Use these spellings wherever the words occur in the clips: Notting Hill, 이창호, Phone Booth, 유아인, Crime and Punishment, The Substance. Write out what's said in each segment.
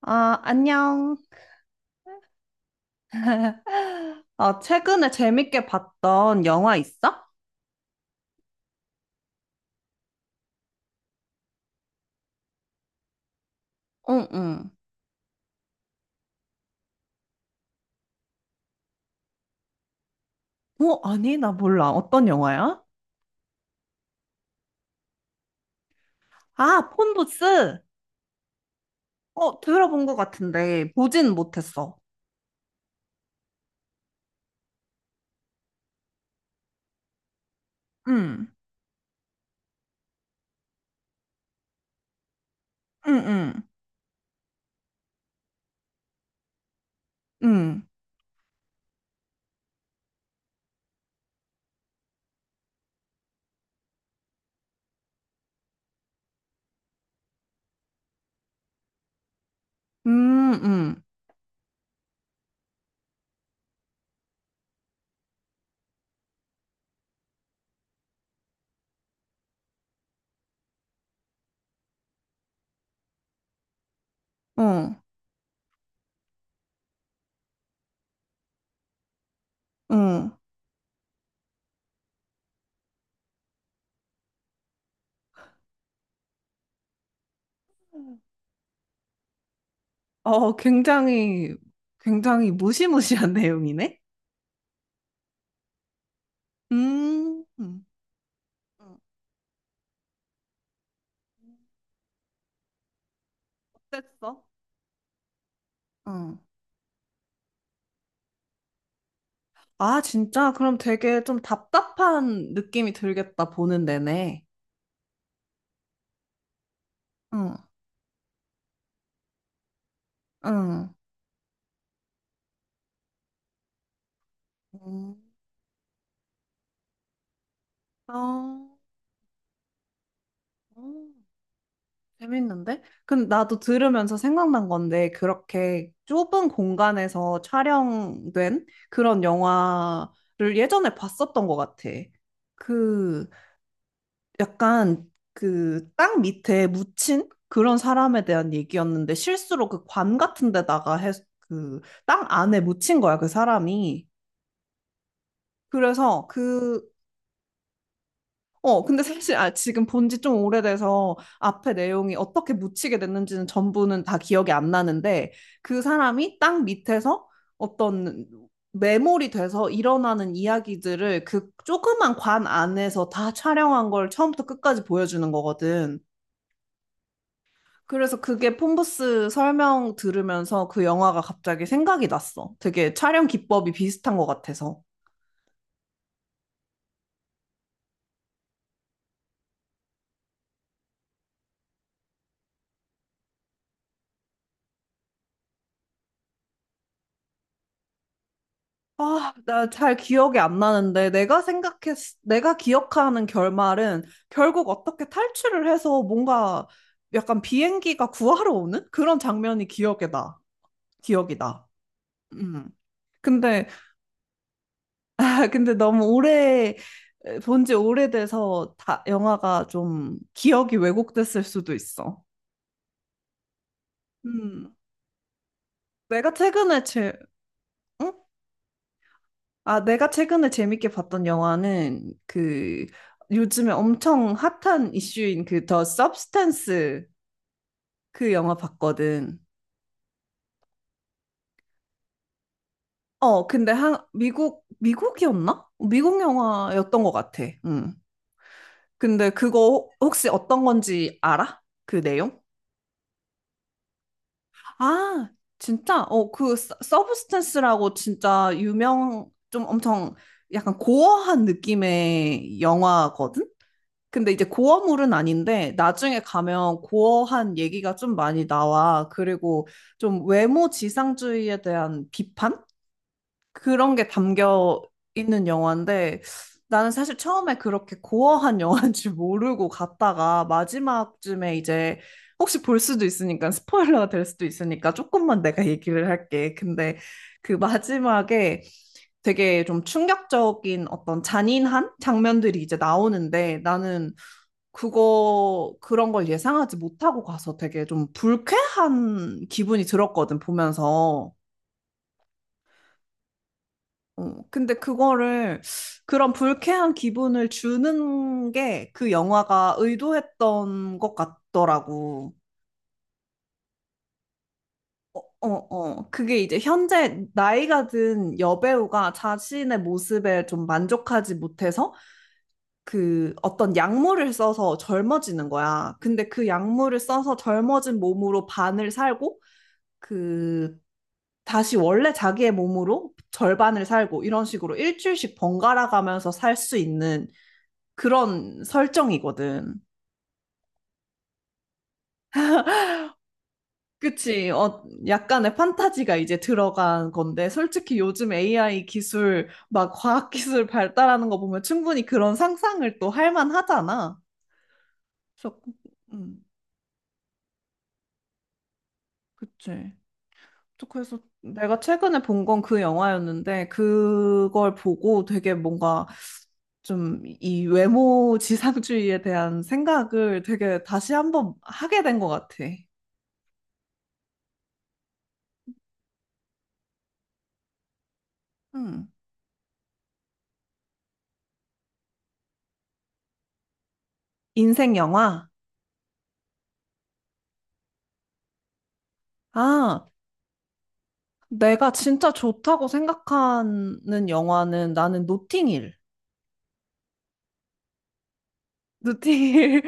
아, 안녕. 아, 최근에 재밌게 봤던 영화 있어? 응, 응. 아니, 나 몰라. 어떤 영화야? 아, 폰부스. 들어본 것 같은데, 보진 못했어. 응, 응, 응. 응, 응, 어, 응. 어, 굉장히, 굉장히 무시무시한 내용이네? 응. 어땠어? 응. 아, 진짜? 그럼 되게 좀 답답한 느낌이 들겠다, 보는 내내. 응, 응. 음. 아, 어, 음, 재밌는데? 근데 나도 들으면서 생각난 건데, 그렇게 좁은 공간에서 촬영된 그런 영화를 예전에 봤었던 것 같아. 그, 약간 그 땅 밑에 묻힌 그런 사람에 대한 얘기였는데, 실수로 그 관 같은 데다가 해, 그 땅 안에 묻힌 거야, 그 사람이. 그래서 그, 근데 사실 아, 지금 본지 좀 오래돼서 앞에 내용이 어떻게 묻히게 됐는지는 전부는 다 기억이 안 나는데 그 사람이 땅 밑에서 어떤 메모리 돼서 일어나는 이야기들을 그 조그만 관 안에서 다 촬영한 걸 처음부터 끝까지 보여주는 거거든. 그래서 그게 폼부스 설명 들으면서 그 영화가 갑자기 생각이 났어. 되게 촬영 기법이 비슷한 것 같아서. 아, 나 잘 기억이 안 나는데 내가 기억하는 결말은 결국 어떻게 탈출을 해서 뭔가 약간 비행기가 구하러 오는 그런 장면이 기억에 나. 기억이 나. 음. 근데 아, 근데 너무 오래 본지 오래돼서 다 영화가 좀 기억이 왜곡됐을 수도 있어. 음. 내가 최근에 제, 응? 아, 내가 최근에 재밌게 봤던 영화는 그 요즘에 엄청 핫한 이슈인 그 더 서브스탄스 그 영화 봤거든. 어, 근데 한 미국 미국이었나? 미국 영화였던 것 같아. 음. 근데 그거 혹시 어떤 건지 알아? 그 내용? 아, 진짜? 어, 그 서브스탄스라고 진짜 유명 좀 엄청 약간 고어한 느낌의 영화거든. 근데 이제 고어물은 아닌데 나중에 가면 고어한 얘기가 좀 많이 나와. 그리고 좀 외모 지상주의에 대한 비판? 그런 게 담겨 있는 영화인데 나는 사실 처음에 그렇게 고어한 영화인 줄 모르고 갔다가 마지막쯤에 이제 혹시 볼 수도 있으니까 스포일러가 될 수도 있으니까 조금만 내가 얘기를 할게. 근데 그 마지막에 되게 좀 충격적인 어떤 잔인한 장면들이 이제 나오는데 나는 그거 그런 걸 예상하지 못하고 가서 되게 좀 불쾌한 기분이 들었거든 보면서. 어, 근데 그거를 그런 불쾌한 기분을 주는 게 그 영화가 의도했던 것 같더라고. 어, 어. 그게 이제 현재 나이가 든 여배우가 자신의 모습에 좀 만족하지 못해서 그 어떤 약물을 써서 젊어지는 거야. 근데 그 약물을 써서 젊어진 몸으로 반을 살고 그 다시 원래 자기의 몸으로 절반을 살고 이런 식으로 일주일씩 번갈아 가면서 살 수 있는 그런 설정이거든. 그치. 어, 약간의 판타지가 이제 들어간 건데, 솔직히 요즘 AI 기술, 막 과학 기술 발달하는 거 보면 충분히 그런 상상을 또 할 만하잖아. 그래서, 음, 그치. 또 그래서 내가 최근에 본 건 그 영화였는데, 그걸 보고 되게 뭔가 좀 이 외모 지상주의에 대한 생각을 되게 다시 한번 하게 된 것 같아. 음. 인생 영화? 아, 내가 진짜 좋다고 생각하는 영화는 나는 노팅힐. 노팅힐.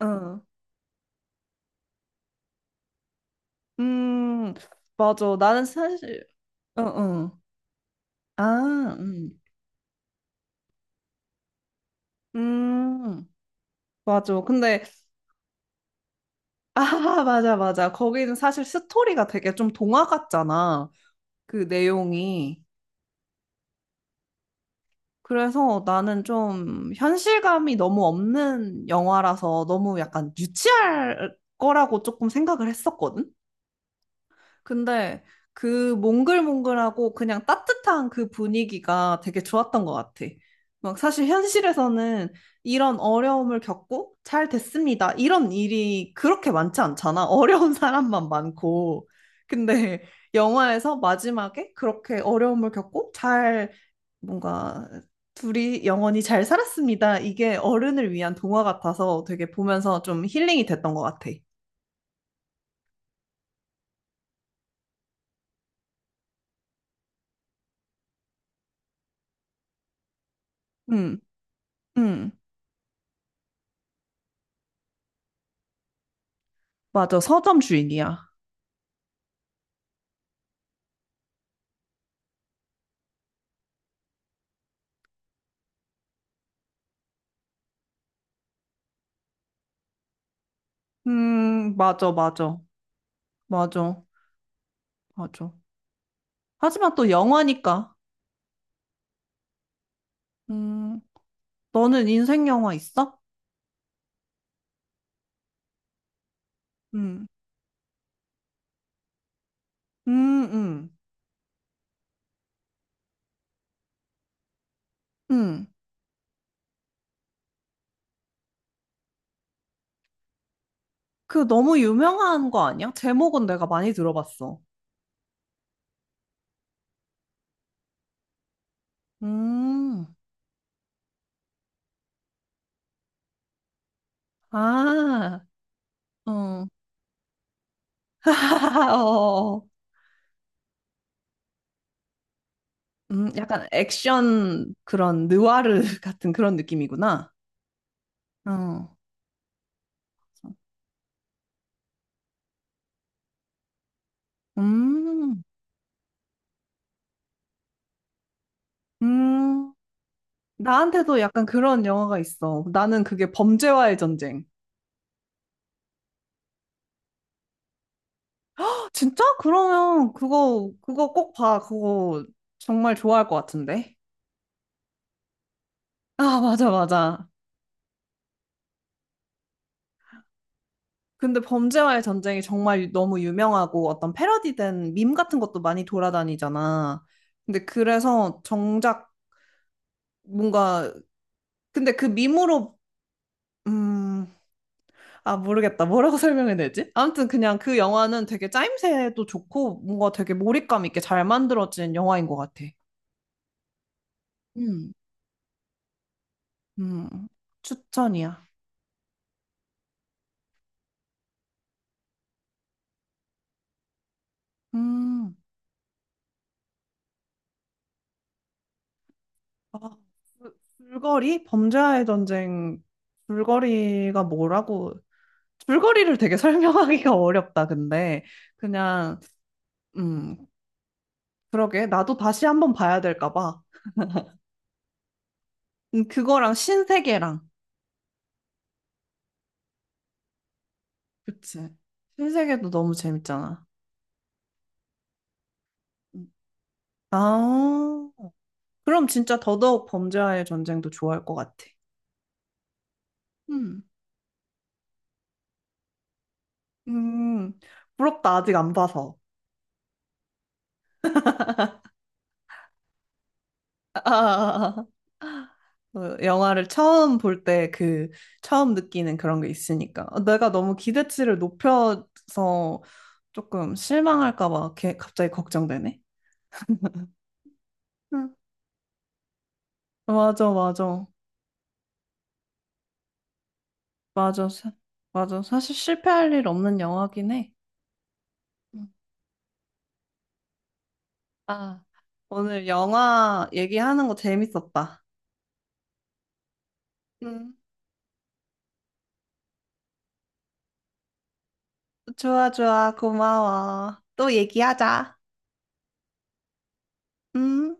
어. 음, 맞아. 나는 사실, 어, 어. 아, 음, 맞아. 근데, 아, 맞아, 맞아. 거기는 사실 스토리가 되게 좀 동화 같잖아. 그 내용이. 그래서 나는 좀 현실감이 너무 없는 영화라서 너무 약간 유치할 거라고 조금 생각을 했었거든? 근데 그 몽글몽글하고 그냥 따뜻한 그 분위기가 되게 좋았던 것 같아. 막 사실 현실에서는 이런 어려움을 겪고 잘 됐습니다. 이런 일이 그렇게 많지 않잖아. 어려운 사람만 많고. 근데 영화에서 마지막에 그렇게 어려움을 겪고 잘 뭔가 둘이 영원히 잘 살았습니다. 이게 어른을 위한 동화 같아서 되게 보면서 좀 힐링이 됐던 것 같아. 응, 응. 맞아. 서점 주인이야. 맞아, 맞아. 맞아, 맞아. 하지만 또 영화니까. 음, 너는 인생 영화 있어? 음, 음, 음, 음. 그 너무 유명한 거 아니야? 제목은 내가 많이 들어봤어. 음, 아, 어. 어. 어. 약간 액션 그런 느와르 같은 그런 느낌이구나. 어. 음, 음. 나한테도 약간 그런 영화가 있어. 나는 그게 범죄와의 전쟁. 헉, 진짜? 그러면 그거, 그거 꼭 봐. 그거 정말 좋아할 것 같은데. 아, 맞아, 맞아. 근데 범죄와의 전쟁이 정말 너무 유명하고 어떤 패러디된 밈 같은 것도 많이 돌아다니잖아. 근데 그래서 정작 뭔가, 근데 그 밈으로, 음, 아, 모르겠다. 뭐라고 설명해야 되지? 아무튼 그냥 그 영화는 되게 짜임새도 좋고 뭔가 되게 몰입감 있게 잘 만들어진 영화인 것 같아. 음. 음, 추천이야. 음, 아, 줄거리? 범죄와의 전쟁 줄거리가 뭐라고? 줄거리를 되게 설명하기가 어렵다, 근데. 그냥, 음, 그러게. 나도 다시 한번 봐야 될까 봐. 그거랑 신세계랑. 그치. 신세계도 너무 재밌잖아. 음. 아. 그럼 진짜 더더욱 범죄와의 전쟁도 좋아할 것 같아. 음. 음, 부럽다. 아직 안 봐서. 아, 아, 아. 아. 어, 영화를 처음 볼 때 그, 처음 느끼는 그런 게 있으니까. 어, 내가 너무 기대치를 높여서 조금 실망할까 봐 갑자기 걱정되네. 응, 맞아, 맞아. 맞아. 맞아. 사실 실패할 일 없는 영화긴 해. 응. 아. 오늘 영화 얘기하는 거 재밌었다. 응. 좋아, 좋아. 고마워. 또 얘기하자. 음.